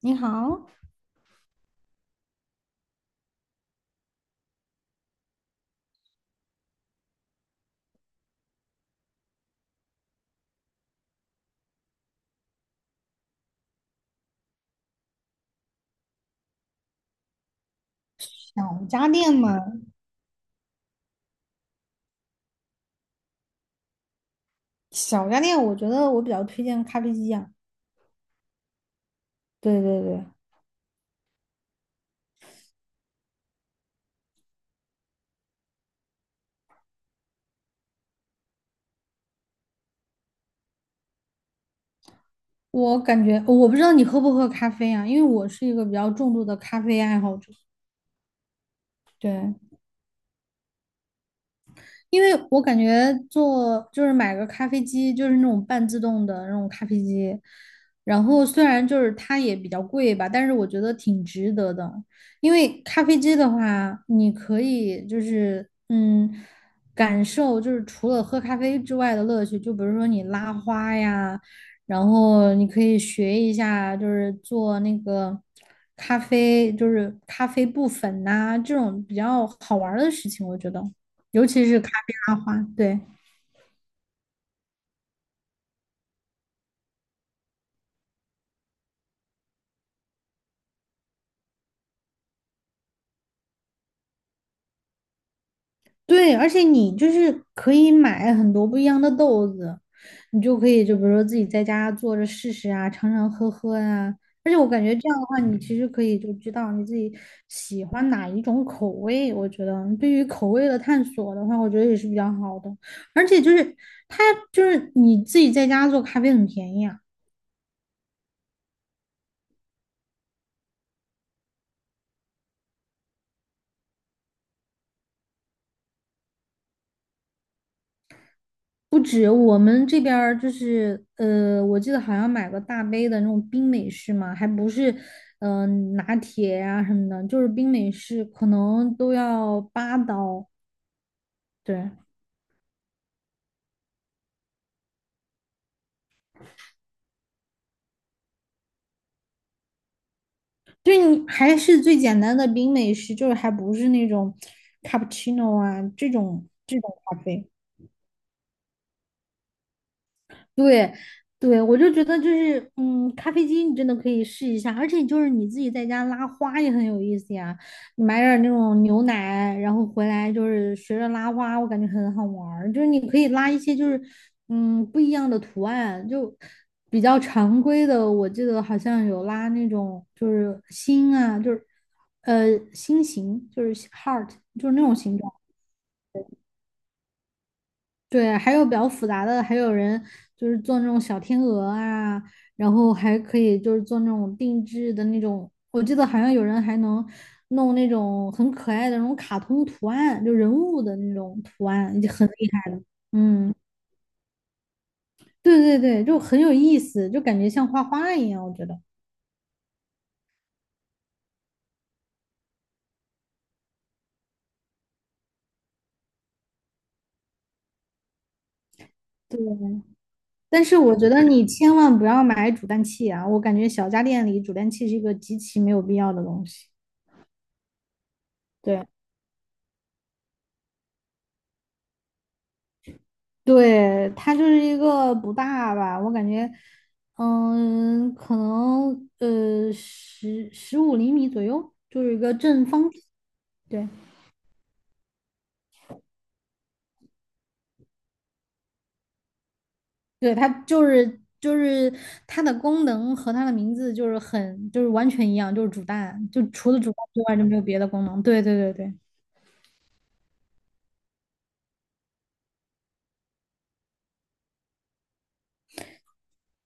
你好，小家电嘛，小家电，我觉得我比较推荐咖啡机啊。对对对，我感觉我不知道你喝不喝咖啡啊，因为我是一个比较重度的咖啡爱好者。对，因为我感觉做就是买个咖啡机，就是那种半自动的那种咖啡机，然后虽然就是它也比较贵吧，但是我觉得挺值得的。因为咖啡机的话，你可以就是感受就是除了喝咖啡之外的乐趣，就比如说你拉花呀，然后你可以学一下就是做那个咖啡，就是咖啡布粉呐、这种比较好玩儿的事情，我觉得。尤其是咖啡拉花，对对，而且你就是可以买很多不一样的豆子，你就可以就比如说自己在家做着试试啊，尝尝喝喝啊。而且我感觉这样的话，你其实可以就知道你自己喜欢哪一种口味。我觉得对于口味的探索的话，我觉得也是比较好的。而且就是它就是你自己在家做咖啡很便宜啊。不止我们这边儿就是我记得好像买个大杯的那种冰美式嘛，还不是嗯、呃拿铁呀、什么的，就是冰美式可能都要8刀。对，就是你还是最简单的冰美式，就是还不是那种 cappuccino 啊这种这种咖啡。对，对，我就觉得就是，咖啡机你真的可以试一下，而且就是你自己在家拉花也很有意思呀。你买点儿那种牛奶，然后回来就是学着拉花，我感觉很好玩儿。就是你可以拉一些就是，不一样的图案，就比较常规的。我记得好像有拉那种就是心啊，就是呃心形，就是 heart,就是那种形状。对，还有比较复杂的，还有人就是做那种小天鹅啊，然后还可以就是做那种定制的那种，我记得好像有人还能弄那种很可爱的那种卡通图案，就人物的那种图案，就很厉害的。嗯，对对对，就很有意思，就感觉像画画一样，我觉得。对，但是我觉得你千万不要买煮蛋器啊，我感觉小家电里煮蛋器是一个极其没有必要的东西。对。对，它就是一个不大吧，我感觉，可能十五厘米左右，就是一个正方体。对，对，它就是它的功能和它的名字就是很就是完全一样，就是煮蛋，就除了煮蛋之外就没有别的功能。对对对对，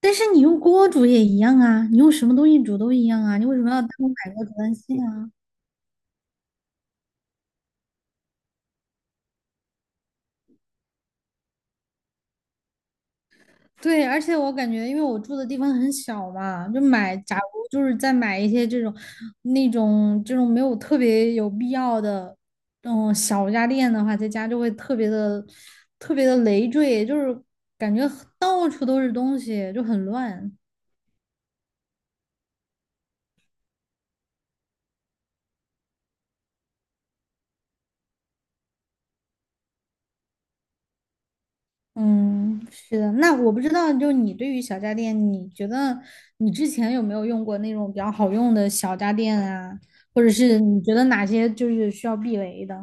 但是你用锅煮也一样啊，你用什么东西煮都一样啊，你为什么要单独买个煮蛋器啊？对，而且我感觉，因为我住的地方很小嘛，就买，假如就是再买一些这种、那种、这种没有特别有必要的，小家电的话，在家就会特别的、特别的累赘，就是感觉很到处都是东西，就很乱。嗯，是的。那我不知道，就你对于小家电，你觉得你之前有没有用过那种比较好用的小家电啊？或者是你觉得哪些就是需要避雷的？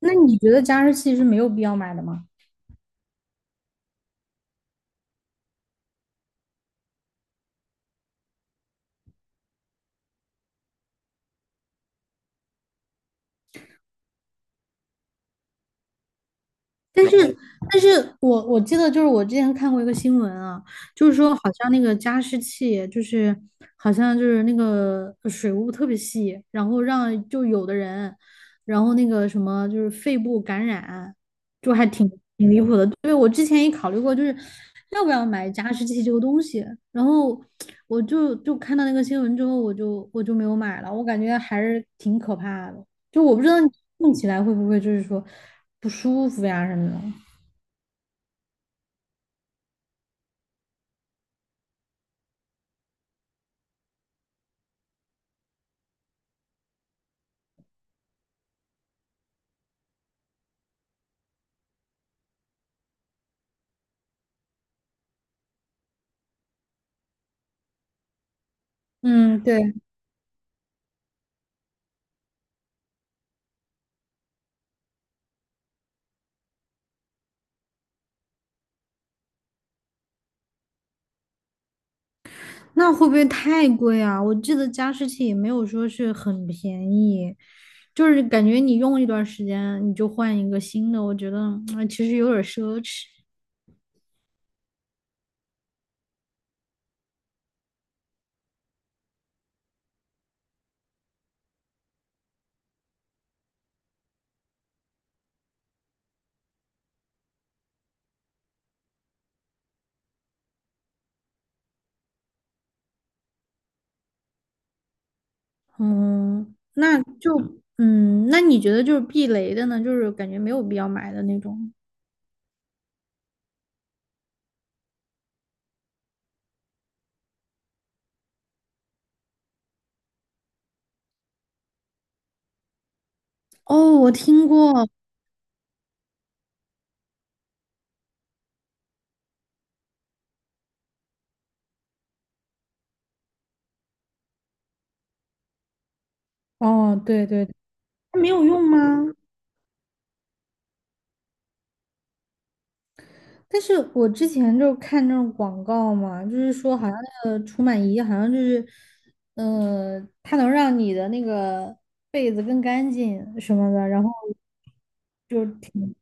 那你觉得加湿器是没有必要买的吗？但是，但是我记得就是我之前看过一个新闻啊，就是说好像那个加湿器就是好像就是那个水雾特别细，然后让就有的人，然后那个什么就是肺部感染，就还挺离谱的。对，我之前也考虑过，就是要不要买加湿器这个东西，然后我就看到那个新闻之后，我就没有买了，我感觉还是挺可怕的。就我不知道你用起来会不会就是说不舒服呀什么的。嗯，对，那会不会太贵啊？我记得加湿器也没有说是很便宜，就是感觉你用一段时间你就换一个新的，我觉得其实有点奢侈。嗯，那就那你觉得就是避雷的呢？就是感觉没有必要买的那种。哦，我听过。哦，对对，它没有用吗？但是我之前就看那种广告嘛，就是说好像那个除螨仪好像就是，它能让你的那个被子更干净什么的，然后就挺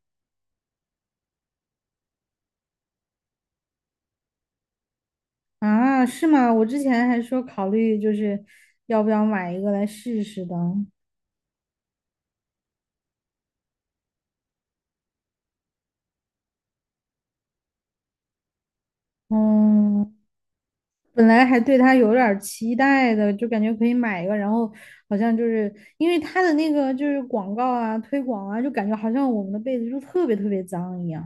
啊，是吗？我之前还说考虑就是要不要买一个来试试的，嗯，本来还对它有点儿期待的，就感觉可以买一个，然后好像就是因为它的那个就是广告啊、推广啊，就感觉好像我们的被子就特别特别脏一样。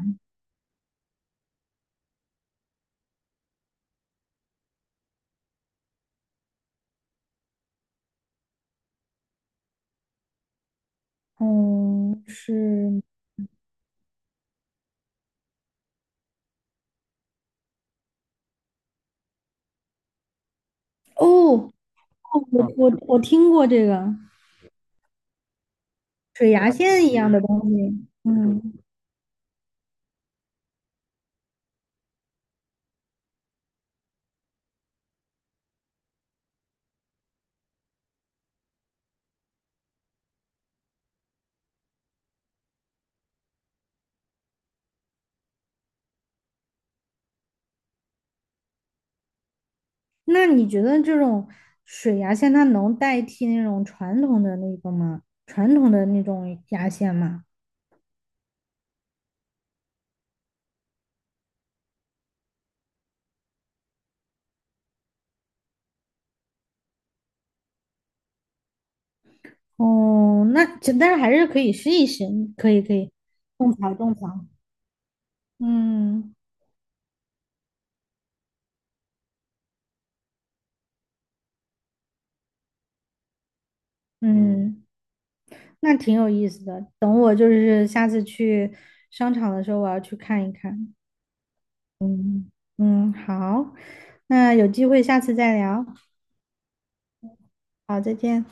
嗯，是哦，哦我嗯我我听过这个水牙线一样的东西。嗯，那你觉得这种水牙线它能代替那种传统的那个吗？传统的那种牙线吗？哦，那就但是还是可以试一试，可以可以，种草种草。嗯嗯，那挺有意思的。等我就是下次去商场的时候，我要去看一看。嗯，嗯，好，那有机会下次再聊。好，再见。